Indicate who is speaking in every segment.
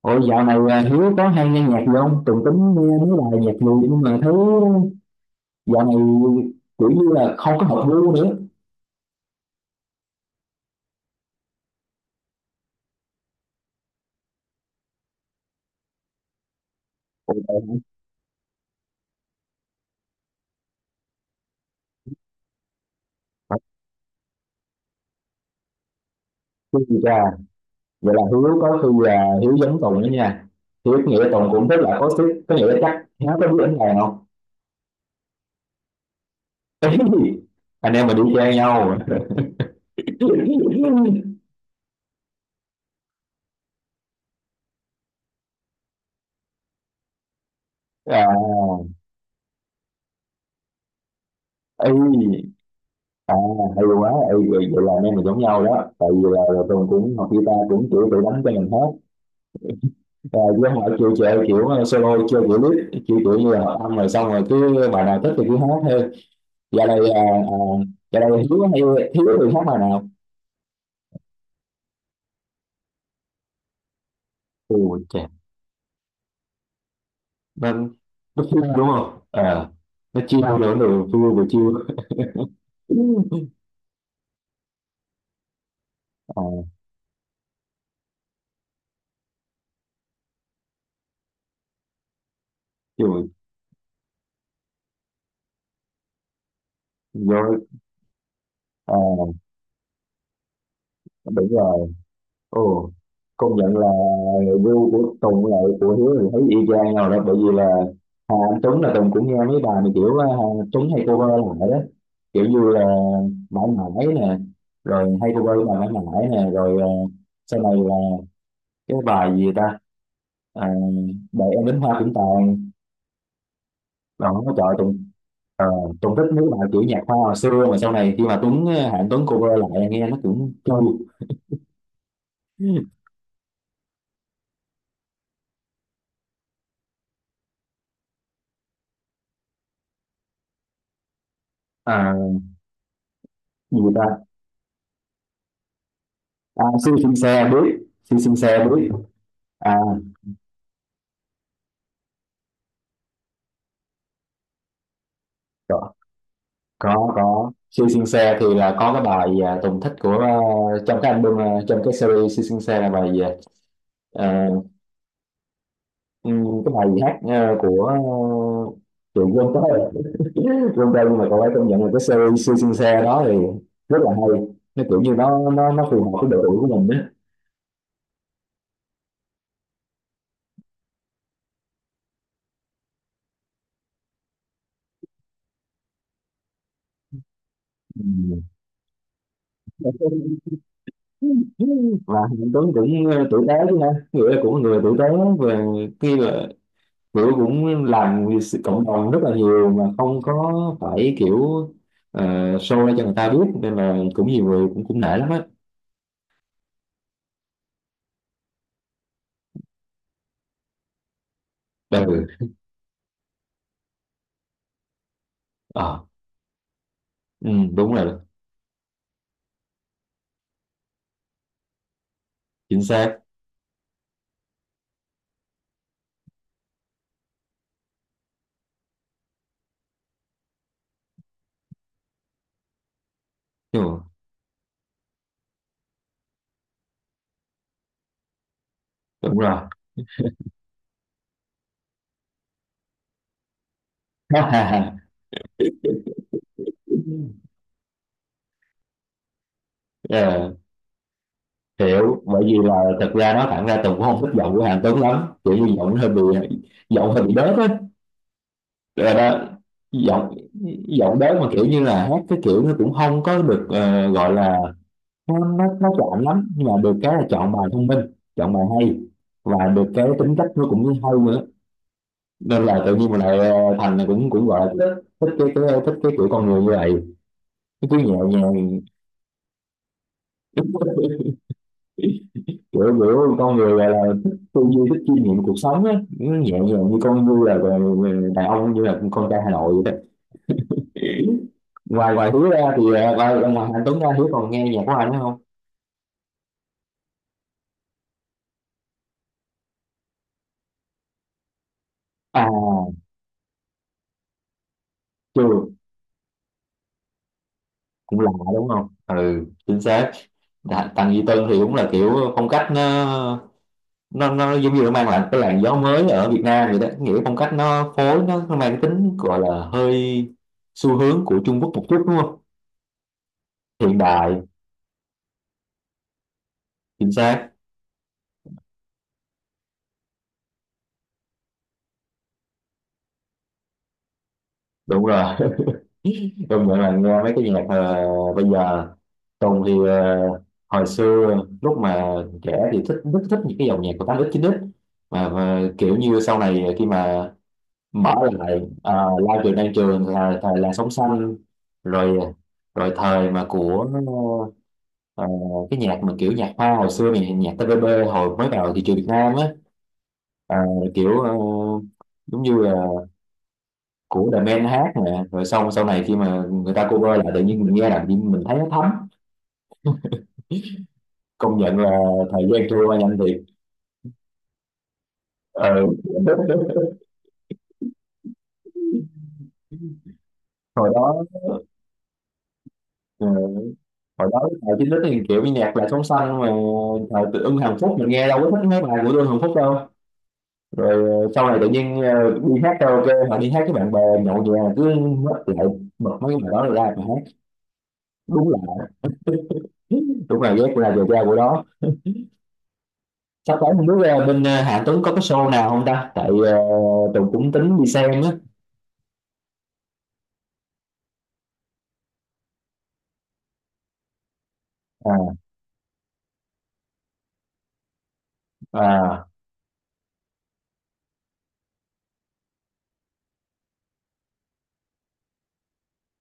Speaker 1: Ôi, dạo này Hiếu có hay nghe nhạc gì không? Tùng tính nghe mấy bài nhạc gì nhưng mà thấy dạo này kiểu như là không có hợp gu nữa. Ủa vậy hả? Hợp gu gì ra? Vậy là Hiếu có khi là Hiếu giống Tùng đó nha. Hiếu có nghĩa là Tùng cũng rất là có sức, có nghĩa là chắc nó có biết đánh đàn không? Anh em mình đi chơi nhau. À, ấy, à, hay quá, ấy, vậy vậy là anh em mình giống nhau đó. Tại vì là Tùng cũng học guitar cũng kiểu tự đánh cho mình hết. Rồi với họ chịu chệ kiểu solo chơi kiểu lít chịu kiểu như là âm rồi xong rồi cứ bài nào thích thì cứ hát thôi. Giờ này giờ này hiếu hay hiếu thì hát bài nào? Ôi trời, nên nó phun đúng không à, nó chiêu nữa rồi phun vừa chiêu. À, chiều rồi. À, đúng rồi. Ồ, công nhận là view của Tùng là của Hiếu thì thấy y chang nhau đó, bởi vì là Hà Anh Tuấn là Tùng cũng nghe mấy bài mà kiểu Hà Anh Tuấn hay cover lại đó, kiểu như là mãi mãi nè, rồi hay cover bài mãi mãi nè, rồi sau này là cái bài gì ta, à, đợi em đến hoa cũng tàn đó. Trời ơi, Tùng, ờ, Tùng thích mấy bài kiểu nhạc hoa hồi xưa mà sau này khi mà Tuấn à, Hà Anh Tuấn cover lại nghe nó cũng trôi. À, gì ta, à, siêu xin xe biết, siêu xin xe biết. À, có, có siêu siêu xe thì là có cái bài à, Tùng thích của à, trong cái album à, trong cái series siêu siêu xe là bài gì à, cái bài gì hát à, của à, chị quên tới rồi. Quên tên nhưng mà cậu ấy công nhận là cái series siêu siêu xe đó thì rất là hay, nó kiểu như nó phù hợp với độ tuổi của mình đó. Ừm. Và Hạnh Tuấn cũng tử tế chứ ha, nghĩa là cũng là người tử tế, về khi là kiểu cũng làm vì sự cộng đồng rất là nhiều mà không có phải kiểu, ờ, show ra cho người ta biết, nên là cũng nhiều người cũng cũng nể lắm á. Ừ. Ờ, ừ, đúng rồi, chính xác, ừ, đúng rồi. Ờ, hiểu, bởi vì là thật ra nó thẳng ra Tùng cũng không thích giọng của Hàn Tuấn lắm, kiểu như giọng nó hơi bị, giọng hơi bị đớt á. Rồi đó, giọng, giọng đớt mà kiểu như là hát cái kiểu nó cũng không có được gọi là, nó chọn lắm, nhưng mà được cái là chọn bài thông minh, chọn bài hay, và được cái tính cách nó cũng hay nữa, nên là tự nhiên mình lại thành này cũng cũng gọi là thích cái kiểu con người như vậy, cái kiểu nhẹ nhàng, thích cái kiểu kiểu con người gọi là thích tư duy, thích chiêm nghiệm cuộc sống á, nhẹ nhàng như con, như là đàn ông, như là con trai Hà Nội vậy đó. Ngoài ngoài Hiếu ra thì ngoài ngoài Anh Tuấn ra Hiếu còn nghe nhạc của anh nữa không? À, chưa, cũng lạ đúng không? Ừ, chính xác. Tầng Duy Tân thì đúng là kiểu phong cách nó giống như nó mang lại cái làn gió mới ở Việt Nam vậy đó, nghĩa phong cách nó phối nó mang tính gọi là hơi xu hướng của Trung Quốc một chút đúng không? Hiện đại, chính xác, đúng rồi. Công nhận là nghe mấy cái nhạc bây giờ, Tùng thì hồi xưa lúc mà trẻ thì thích, rất thích những cái dòng nhạc của 8x 9x mà kiểu như sau này khi mà bỏ lại à, lao trường đang trường là thời làn sóng xanh, rồi rồi thời mà của ờ, cái nhạc mà kiểu nhạc hoa hồi xưa này, nhạc TVB hồi mới vào thị trường Việt Nam á, ờ, kiểu giống như là của The Men hát nè, rồi xong sau này khi mà người ta cover lại tự nhiên mình nghe là mình thấy nó thấm. Công nhận là thời gian trôi qua nhanh thiệt. Ừ. Hồi đó ờ, hồi đó thời chín thì kiểu như nhạc là sóng xanh mà, thời tự ưng Hàn Phúc mình nghe đâu có thích mấy bài của tôi Hàn Phúc đâu. Rồi sau này tự nhiên đi hát karaoke hoặc đi hát với bạn bè nhậu nhẹt cứ mất lại bật mấy cái bài đó ra mà hát. Đúng là, đúng là ghét là giờ ra của đó. Sắp tới không biết bên Hà Tuấn có cái show nào không ta, tại Tùng cũng tính đi xem á. À, à,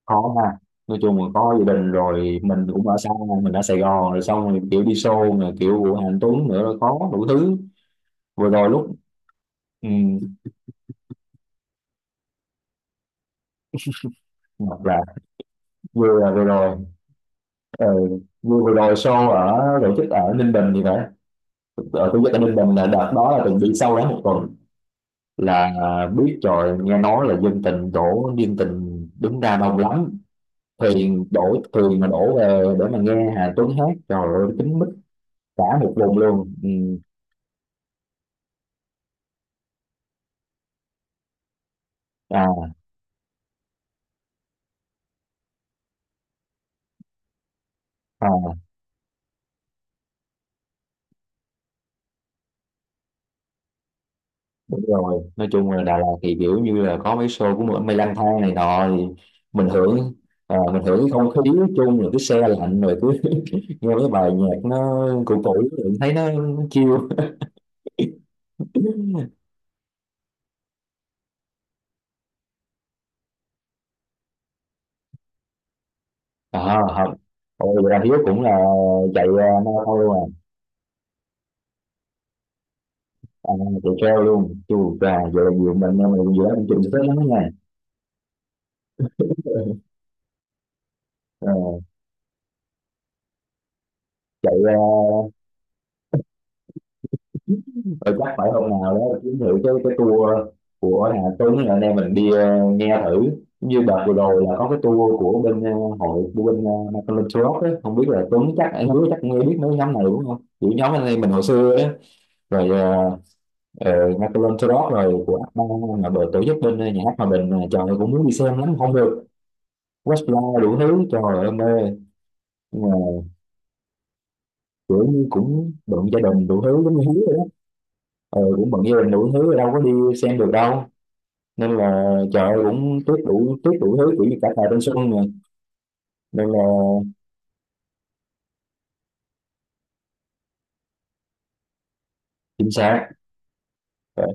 Speaker 1: khó ha, nói chung là có gia đình rồi mình cũng ở xa, mình ở Sài Gòn rồi xong rồi kiểu đi show rồi kiểu của Hà Tuấn nữa là có đủ thứ. Vừa rồi lúc ừ, hoặc là vừa vừa rồi ờ, vừa vừa rồi show ở tổ chức ở Ninh Bình thì phải, ở Thủ Dầu, tại Ninh Bình là đợt đó là từng đi sâu đó một tuần là biết rồi, nghe nói là dân tình đổ, dân tình đứng ra đông lắm, thuyền đổ thuyền mà đổ về để mà nghe Hà Tuấn hát, trời ơi, kín mít cả một vùng luôn. Ừ. À, à, đúng rồi, nói chung là Đà Lạt thì kiểu như là có mấy show của Mây Lang Thang này nọ thì mình hưởng, à, mình hưởng cái không khí nói chung, rồi cái xe lạnh rồi cứ nghe cái bài nhạc nó cũ cũ rồi thấy nó chill. À học. Ôi, vậy là Hiếu cũng là chạy marathon luôn à? À, chạy trail luôn chứ. À, vậy là nhiều mình em mình giữa anh chịu sức lắm nha. Ờ, chạy chắc phải hôm nào đó kiếm thử cái tour của Hà Tuấn là anh em mình đi nghe thử, như đợt vừa rồi là có cái tour của bên hội của bên Michael Lynch Rock á, không biết là Tuấn, chắc anh Hiếu chắc nghe biết mấy nhóm này đúng không, kiểu nhóm anh em mình hồi xưa á, rồi Ờ, Michael Antrop rồi của Abba là đội tổ chức bên nhà hát Hòa Bình này, trời ơi, cũng muốn đi xem lắm không được, Westlife đủ thứ, trời ơi mê, nhưng mà kiểu như cũng bận gia đình đủ thứ giống như Hiếu ấy. Ờ, cũng bận gia đình đủ thứ đâu có đi xem được đâu, nên là trời ơi, cũng tiếc, đủ tiếc đủ thứ kiểu như cả thời thanh xuân mà, nên là chính xác. Ờ,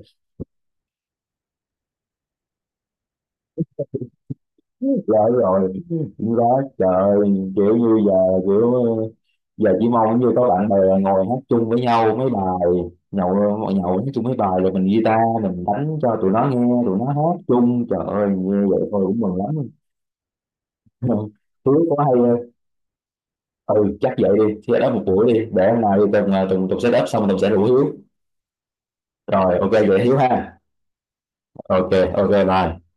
Speaker 1: rồi rồi, cũng đó trời, kiểu như giờ kiểu, giờ chỉ mong như có bạn bè ngồi hát chung với nhau mấy bài, nhậu, nhậu hát chung mấy bài rồi mình guitar mình đánh cho tụi nó nghe tụi nó hát chung, trời ơi, như vậy thôi cũng mừng lắm. Hiếu có hay không? Ừ chắc vậy đi, set up một buổi đi, để hôm nay tùng tùng tùng set up xong tùng sẽ rủ Hiếu. Rồi ok vậy Hiếu ha. Ok ok bye.